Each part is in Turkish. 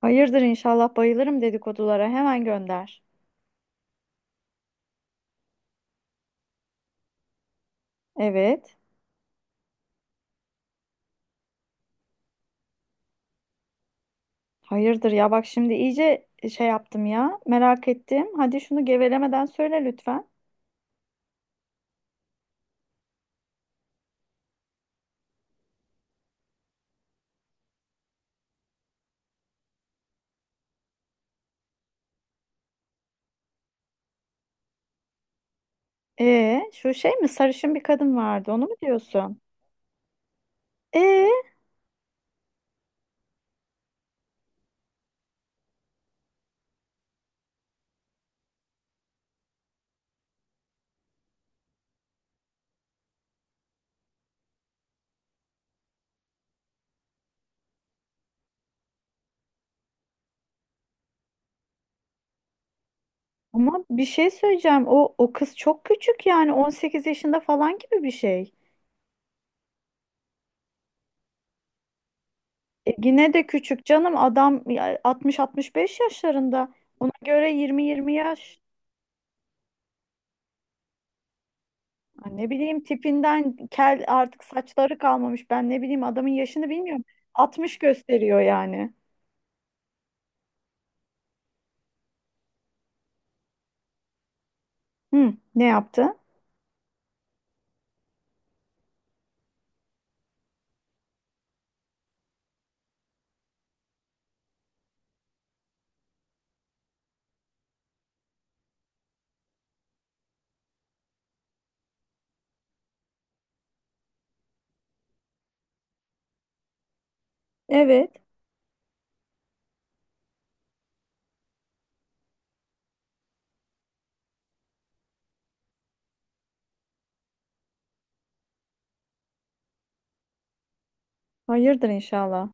Hayırdır inşallah, bayılırım dedikodulara. Hemen gönder. Evet. Hayırdır ya, bak şimdi iyice şey yaptım ya. Merak ettim. Hadi şunu gevelemeden söyle lütfen. Şu şey mi, sarışın bir kadın vardı, onu mu diyorsun? Ee, Ama bir şey söyleyeceğim. O kız çok küçük, yani 18 yaşında falan gibi bir şey. E, yine de küçük canım, adam ya 60-65 yaşlarında. Ona göre yirmi yirmi yaş. Ay, ne bileyim, tipinden kel, artık saçları kalmamış. Ben ne bileyim adamın yaşını, bilmiyorum. 60 gösteriyor yani. Hı, ne yaptı? Evet. Hayırdır inşallah.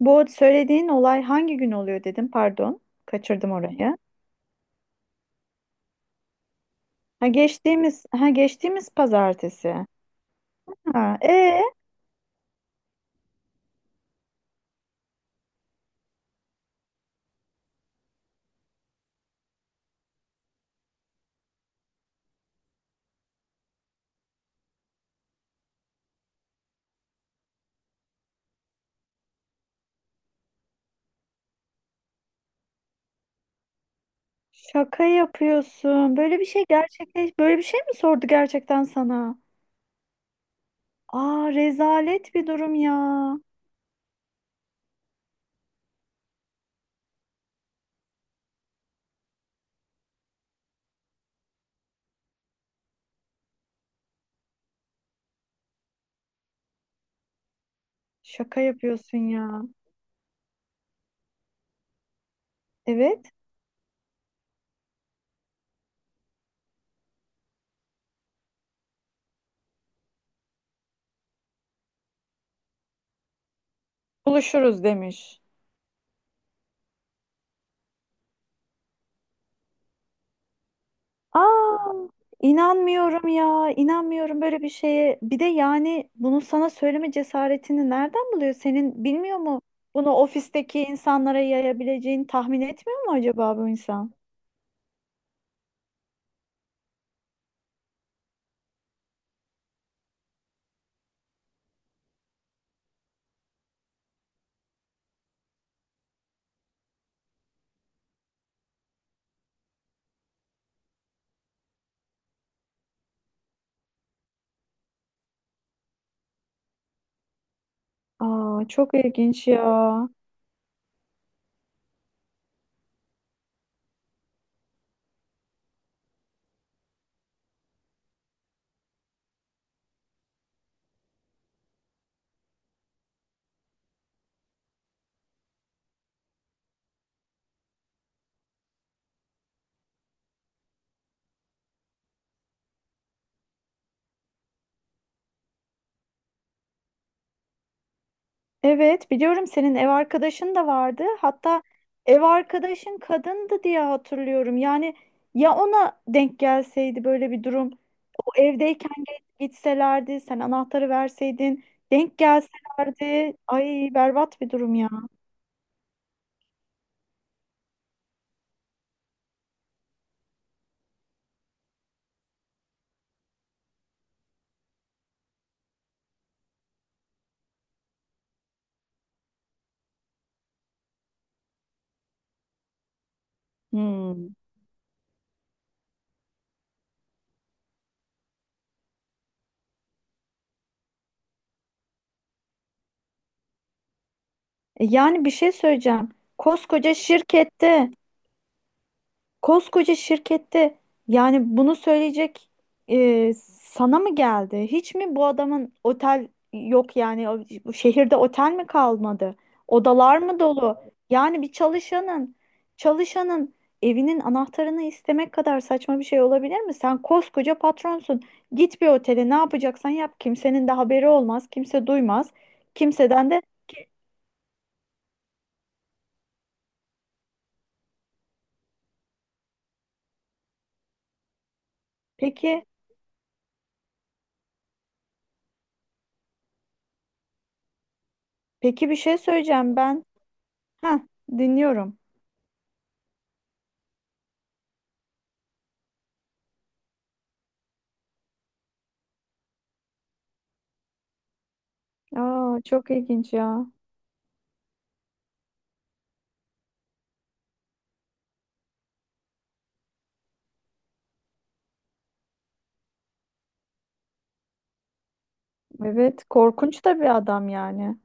Bu söylediğin olay hangi gün oluyor, dedim. Pardon. Kaçırdım orayı. Ha, geçtiğimiz, ha geçtiğimiz pazartesi. Ha, e şaka yapıyorsun. Böyle bir şey böyle bir şey mi sordu gerçekten sana? Aa, rezalet bir durum ya. Şaka yapıyorsun ya. Evet. Buluşuruz demiş. Aa, inanmıyorum ya, inanmıyorum böyle bir şeye. Bir de yani bunu sana söyleme cesaretini nereden buluyor? Senin bilmiyor mu? Bunu ofisteki insanlara yayabileceğini tahmin etmiyor mu acaba bu insan? Aa, çok ilginç ya. Evet, biliyorum, senin ev arkadaşın da vardı. Hatta ev arkadaşın kadındı diye hatırlıyorum. Yani ya ona denk gelseydi böyle bir durum. Evdeyken gitselerdi, sen anahtarı verseydin, denk gelselerdi. Ay, berbat bir durum ya. Hmm. E, yani bir şey söyleyeceğim. Koskoca şirkette Koskoca şirkette yani bunu söyleyecek e, sana mı geldi? Hiç mi bu adamın otel yok, yani bu şehirde otel mi kalmadı? Odalar mı dolu? Yani bir çalışanın evinin anahtarını istemek kadar saçma bir şey olabilir mi? Sen koskoca patronsun. Git bir otele, ne yapacaksan yap. Kimsenin de haberi olmaz. Kimse duymaz. Kimseden de peki, peki bir şey söyleyeceğim ben. Heh, dinliyorum. Aa, çok ilginç ya. Evet, korkunç da bir adam yani.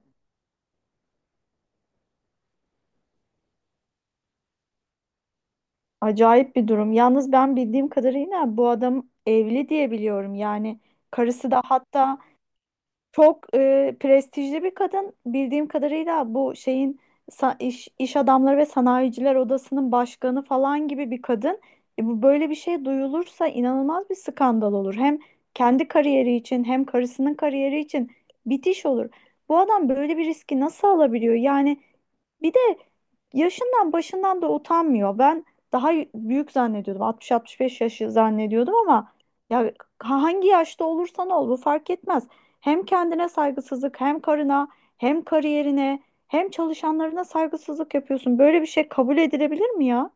Acayip bir durum. Yalnız ben bildiğim kadarıyla bu adam evli diye biliyorum. Yani karısı da hatta çok prestijli bir kadın. Bildiğim kadarıyla bu şeyin iş adamları ve sanayiciler odasının başkanı falan gibi bir kadın. E, bu, böyle bir şey duyulursa inanılmaz bir skandal olur. Hem kendi kariyeri için hem karısının kariyeri için bitiş olur. Bu adam böyle bir riski nasıl alabiliyor? Yani bir de yaşından başından da utanmıyor. Ben daha büyük zannediyordum. 60-65 yaşı zannediyordum ama ya hangi yaşta olursan ol bu fark etmez. Hem kendine saygısızlık, hem karına, hem kariyerine, hem çalışanlarına saygısızlık yapıyorsun. Böyle bir şey kabul edilebilir mi ya?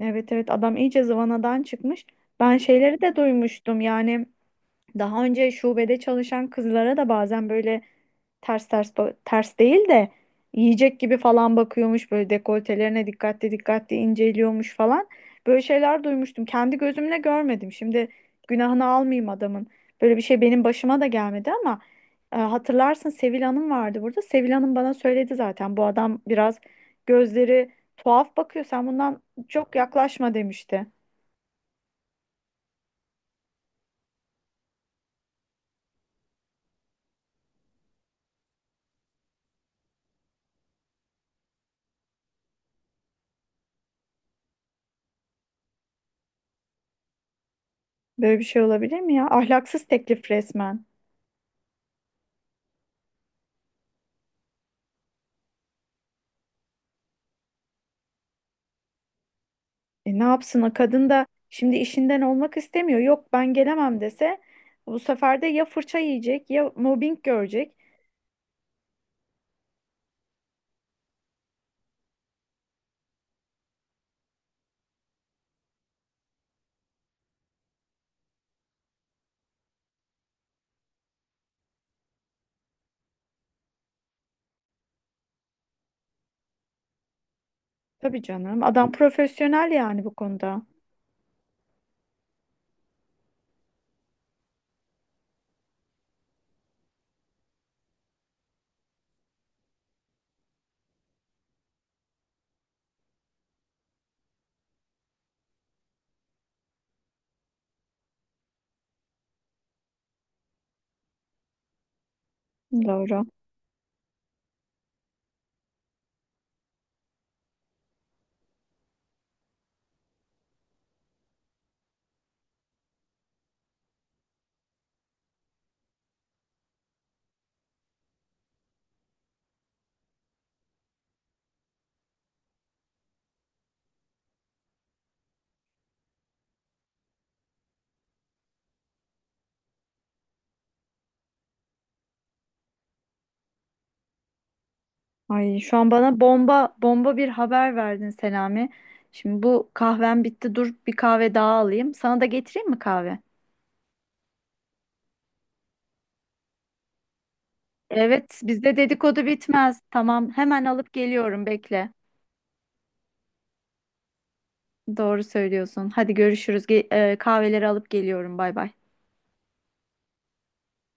Evet evet, adam iyice zıvanadan çıkmış. Ben şeyleri de duymuştum yani, daha önce şubede çalışan kızlara da bazen böyle ters değil de yiyecek gibi falan bakıyormuş, böyle dekoltelerine dikkatli dikkatli inceliyormuş falan. Böyle şeyler duymuştum. Kendi gözümle görmedim. Şimdi günahını almayayım adamın. Böyle bir şey benim başıma da gelmedi ama hatırlarsın, Sevil Hanım vardı burada. Sevil Hanım bana söyledi zaten, bu adam biraz gözleri tuhaf bakıyor, sen bundan çok yaklaşma demişti. Böyle bir şey olabilir mi ya? Ahlaksız teklif resmen. E, ne yapsın o kadın da, şimdi işinden olmak istemiyor. Yok ben gelemem dese bu sefer de ya fırça yiyecek ya mobbing görecek. Tabii canım, adam profesyonel yani bu konuda. Doğru. Ay, şu an bana bomba bomba bir haber verdin Selami. Şimdi bu kahvem bitti, dur bir kahve daha alayım. Sana da getireyim mi kahve? Evet, bizde dedikodu bitmez. Tamam, hemen alıp geliyorum, bekle. Doğru söylüyorsun. Hadi görüşürüz. Kahveleri alıp geliyorum. Bay bay.